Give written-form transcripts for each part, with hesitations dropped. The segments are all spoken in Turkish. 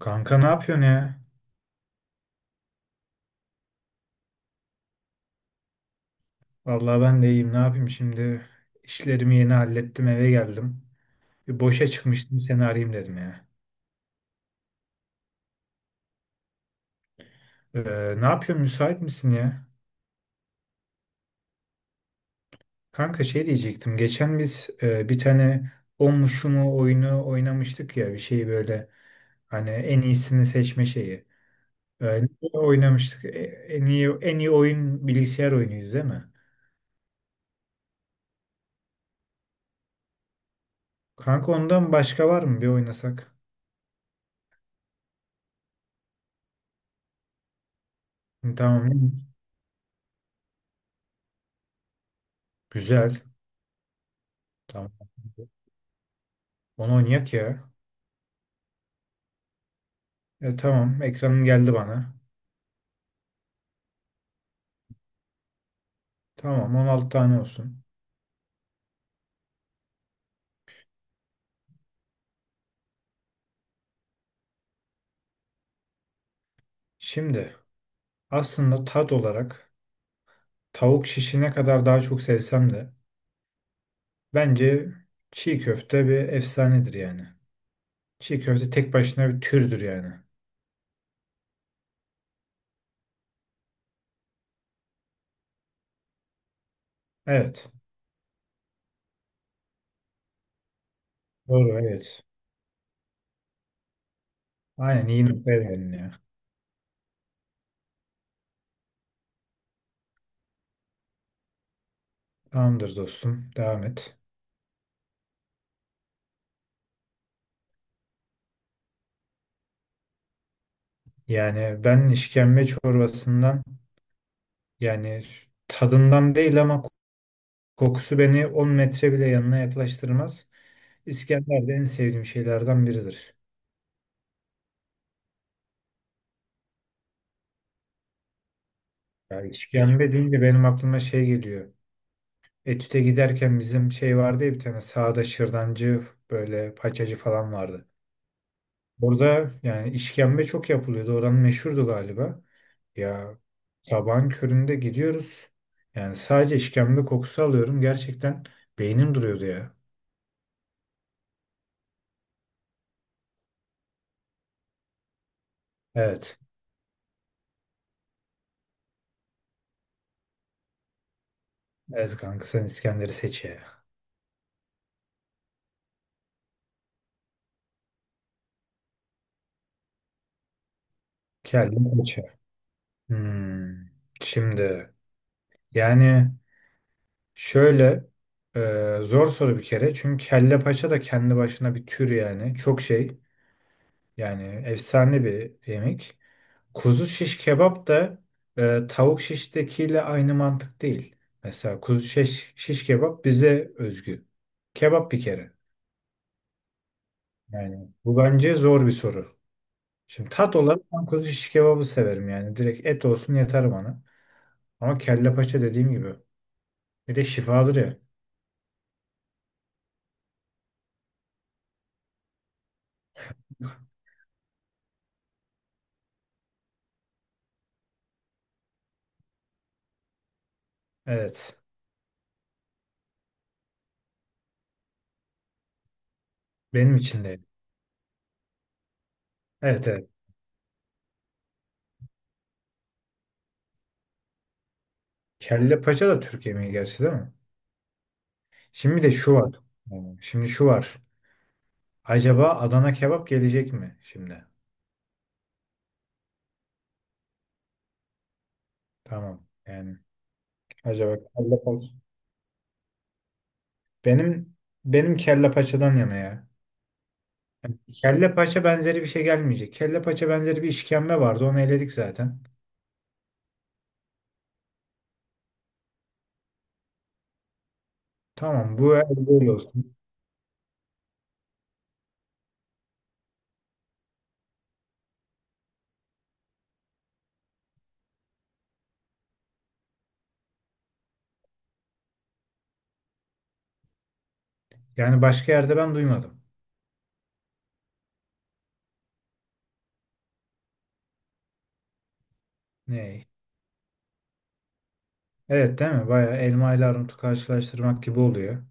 Kanka ne yapıyorsun ya? Vallahi ben de iyiyim. Ne yapayım şimdi? İşlerimi yeni hallettim, eve geldim. Bir boşa çıkmıştım, seni arayayım dedim ya. Ee, ne yapıyorsun? Müsait misin ya? Kanka şey diyecektim. Geçen biz bir tane o mu şu mu oyunu oynamıştık ya. Bir şeyi böyle hani en iyisini seçme şeyi. Ne oynamıştık. En iyi oyun bilgisayar oyunuydu değil mi? Kanka ondan başka var mı? Bir oynasak. Tamam. Güzel. Tamam. Onu oynayak ya. Tamam, ekranın geldi bana. Tamam, 16 tane olsun. Şimdi aslında tat olarak tavuk şişi ne kadar daha çok sevsem de bence çiğ köfte bir efsanedir yani. Çiğ köfte tek başına bir türdür yani. Evet. Doğru, evet. Aynen iyi noktaya değindin ya. Tamamdır dostum, devam et. Yani ben işkembe çorbasından yani tadından değil ama kokusu beni 10 metre bile yanına yaklaştırmaz. İskender de en sevdiğim şeylerden biridir. Yani işkembe deyince benim aklıma şey geliyor. Etüt'e giderken bizim şey vardı ya bir tane sağda şırdancı böyle paçacı falan vardı. Orada yani işkembe çok yapılıyordu. Oranın meşhurdu galiba. Ya sabahın köründe gidiyoruz. Yani sadece işkembe kokusu alıyorum. Gerçekten beynim duruyordu ya. Evet. Evet kanka sen İskender'i seç ya. Keldim kaça. Hmm. Şimdi yani şöyle zor soru bir kere. Çünkü kelle paça da kendi başına bir tür yani. Çok şey yani efsane bir yemek. Kuzu şiş kebap da tavuk şiştekiyle aynı mantık değil. Mesela kuzu şiş, şiş kebap bize özgü. Kebap bir kere. Yani bu bence zor bir soru. Şimdi tat olarak ben kuzu şiş kebabı severim yani. Direkt et olsun yeter bana. Ama kelle paça dediğim gibi. Bir de şifadır ya. Evet. Benim için de. Evet, evet. Kelle paça da Türk yemeği gerçi değil mi? Şimdi de şu var. Tamam. Şimdi şu var. Acaba Adana kebap gelecek mi şimdi? Tamam. Yani acaba kelle paça. Benim benim kelle paçadan yana ya. Kelle paça benzeri bir şey gelmeyecek. Kelle paça benzeri bir işkembe vardı. Onu eledik zaten. Tamam, bu el böyle olsun. Yani başka yerde ben duymadım. Ne? Evet, değil mi? Bayağı elma ile armutu karşılaştırmak gibi oluyor.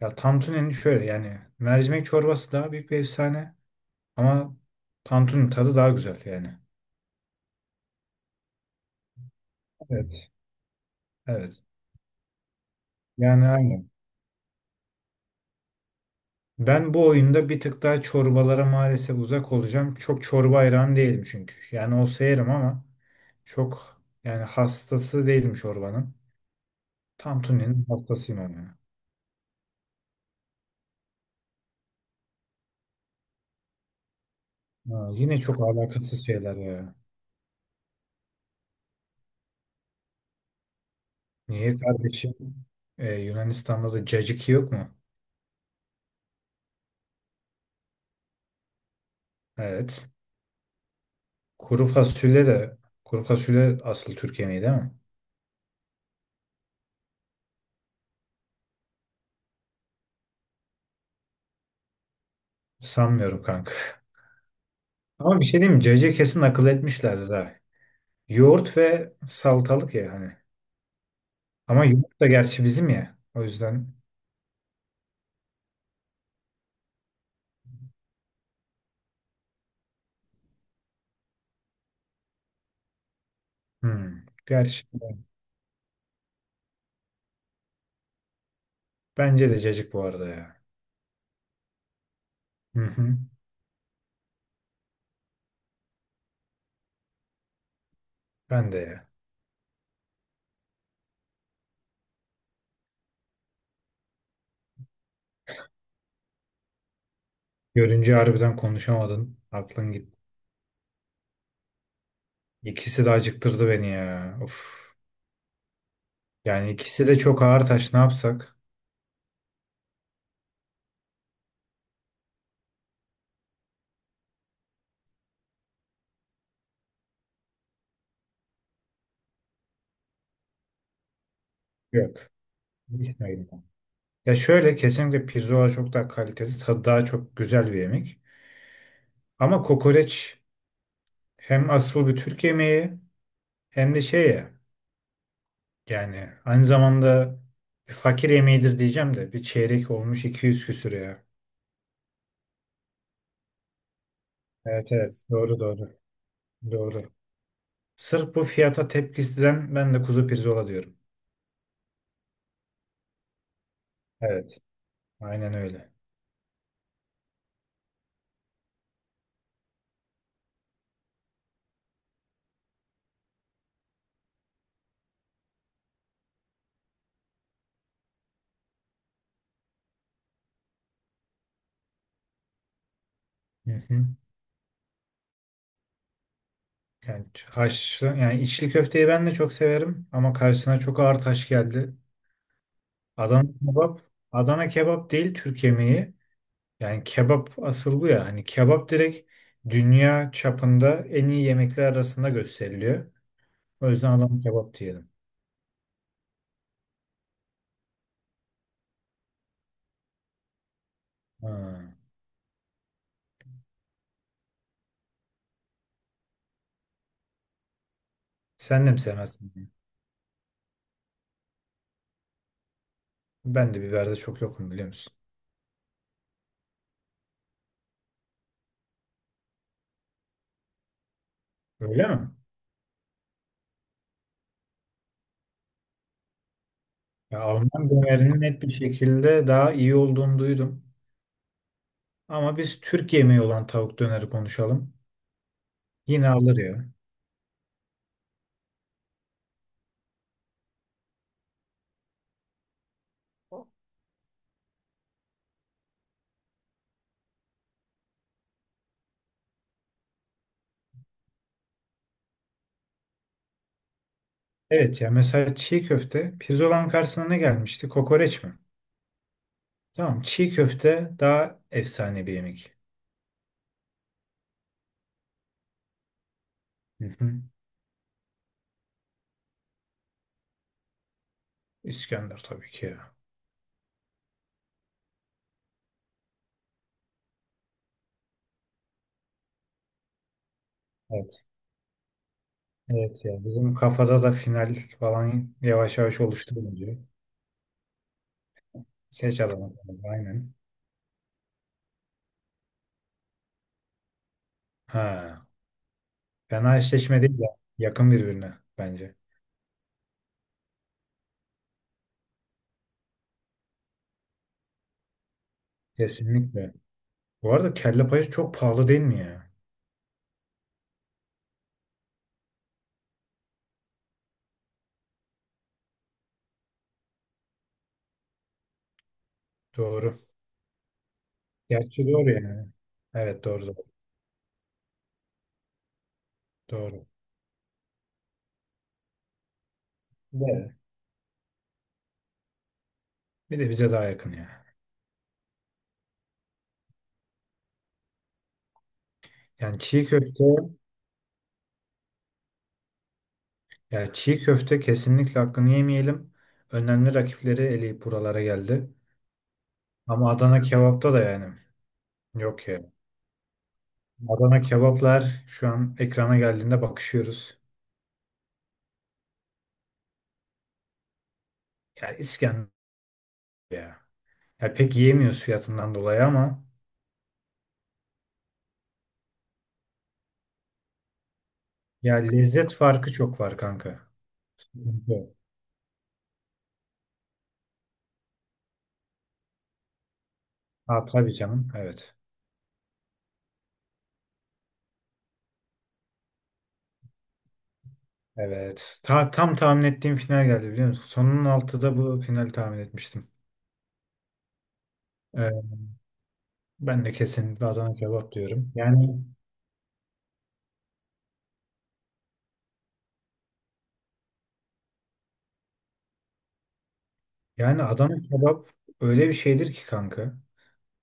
Ya Tantuni'nin şöyle yani mercimek çorbası daha büyük bir efsane. Ama Tantun'un tadı daha güzel yani. Evet. Evet. Yani aynen. Ben bu oyunda bir tık daha çorbalara maalesef uzak olacağım. Çok çorba hayranı değilim çünkü. Yani olsa yerim ama çok yani hastası değilim çorbanın. Tantuni'nin hastasıyım ama ya. Ha, yine çok alakasız şeyler ya. Niye kardeşim? Yunanistan'da da caciki yok mu? Evet. Kuru fasulye de kuru fasulye asıl Türkiye mi değil mi? Sanmıyorum kanka. Ama bir şey diyeyim mi? CC kesin akıl etmişlerdi daha. Yoğurt ve salatalık ya hani. Ama yoğurt da gerçi bizim ya. O yüzden. Hmm. Gerçi bence de cacık bu arada ya. Hı hı. Ben de ya. Görünce harbiden konuşamadın. Aklın git. İkisi de acıktırdı beni ya. Of. Yani ikisi de çok ağır taş. Ne yapsak? Yok. Gitmeyelim. Ya şöyle, kesinlikle pirzola çok daha kaliteli. Tadı daha çok güzel bir yemek. Ama kokoreç hem asıl bir Türk yemeği hem de şey ya. Yani aynı zamanda bir fakir yemeğidir diyeceğim de bir çeyrek olmuş 200 küsür ya. Evet, evet, doğru, doğru, doğru. Sırf bu fiyata tepkisinden ben de kuzu pirzola diyorum. Evet, aynen öyle. Hı hı. Yani haşlı yani içli köfteyi ben de çok severim ama karşısına çok ağır taş geldi. Adana kebap, Adana kebap değil Türk yemeği. Yani kebap asıl bu ya. Hani kebap direkt dünya çapında en iyi yemekler arasında gösteriliyor. O yüzden Adana kebap diyelim. Ha. Sen de mi sevmezsin? Ben de biberde çok yokum biliyor musun? Öyle mi? Ya Alman dönerinin net bir şekilde daha iyi olduğunu duydum. Ama biz Türk yemeği olan tavuk döneri konuşalım. Yine alır ya. Evet ya, mesela çiğ köfte pirzolanın karşısına ne gelmişti? Kokoreç mi? Tamam, çiğ köfte daha efsane bir yemek. Hı hı. İskender tabii ki ya. Evet. Evet ya, bizim kafada da final falan yavaş yavaş oluştu bence. Seç adamı. Aynen. Ha. Fena eşleşme değil ya. Yakın birbirine bence. Kesinlikle. Bu arada kelle payı çok pahalı değil mi ya? Doğru. Gerçi doğru yani. Evet, doğru, doğru. Doğru. Evet. Bir de bize daha yakın ya. Yani çiğ köfte, yani çiğ köfte kesinlikle hakkını yemeyelim. Önemli rakipleri eleyip buralara geldi. Ama Adana kebapta da yani yok ya. Adana kebaplar şu an ekrana geldiğinde bakışıyoruz. Ya İskender ya. Ya pek yiyemiyoruz fiyatından dolayı ama ya, lezzet farkı çok var kanka. Evet. Ha, tabii canım. Evet. Evet. Tam tahmin ettiğim final geldi biliyor musun? Sonun altıda bu finali tahmin etmiştim. Ee, ben de kesinlikle Adana kebap diyorum. Yani Adana kebap öyle bir şeydir ki kanka.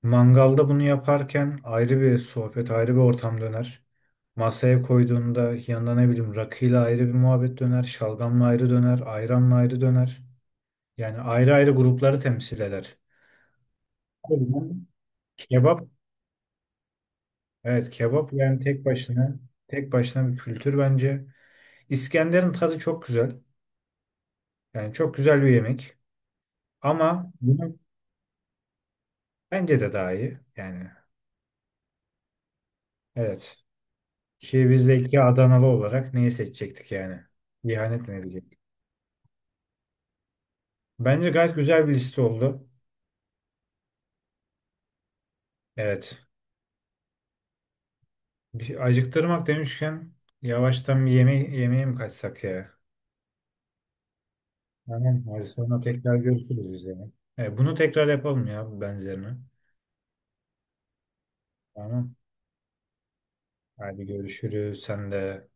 Mangalda bunu yaparken ayrı bir sohbet, ayrı bir ortam döner. Masaya koyduğunda yanında ne bileyim rakıyla ayrı bir muhabbet döner, şalgamla ayrı döner, ayranla ayrı döner. Yani ayrı ayrı grupları temsil eder. O yüzden kebap. Evet, kebap yani tek başına, tek başına bir kültür bence. İskender'in tadı çok güzel. Yani çok güzel bir yemek. Ama bunun bence de daha iyi. Yani evet. Ki biz de iki Adanalı olarak neyi seçecektik yani? İhanet mi edecektik? Bence gayet güzel bir liste oldu. Evet. Bir acıktırmak demişken yavaştan bir yeme yemeğe mi kaçsak ya? Tamam. Hadi sonra tekrar görüşürüz biz yani. Evet, bunu tekrar yapalım ya benzerini. Tamam. Hadi görüşürüz. Sen de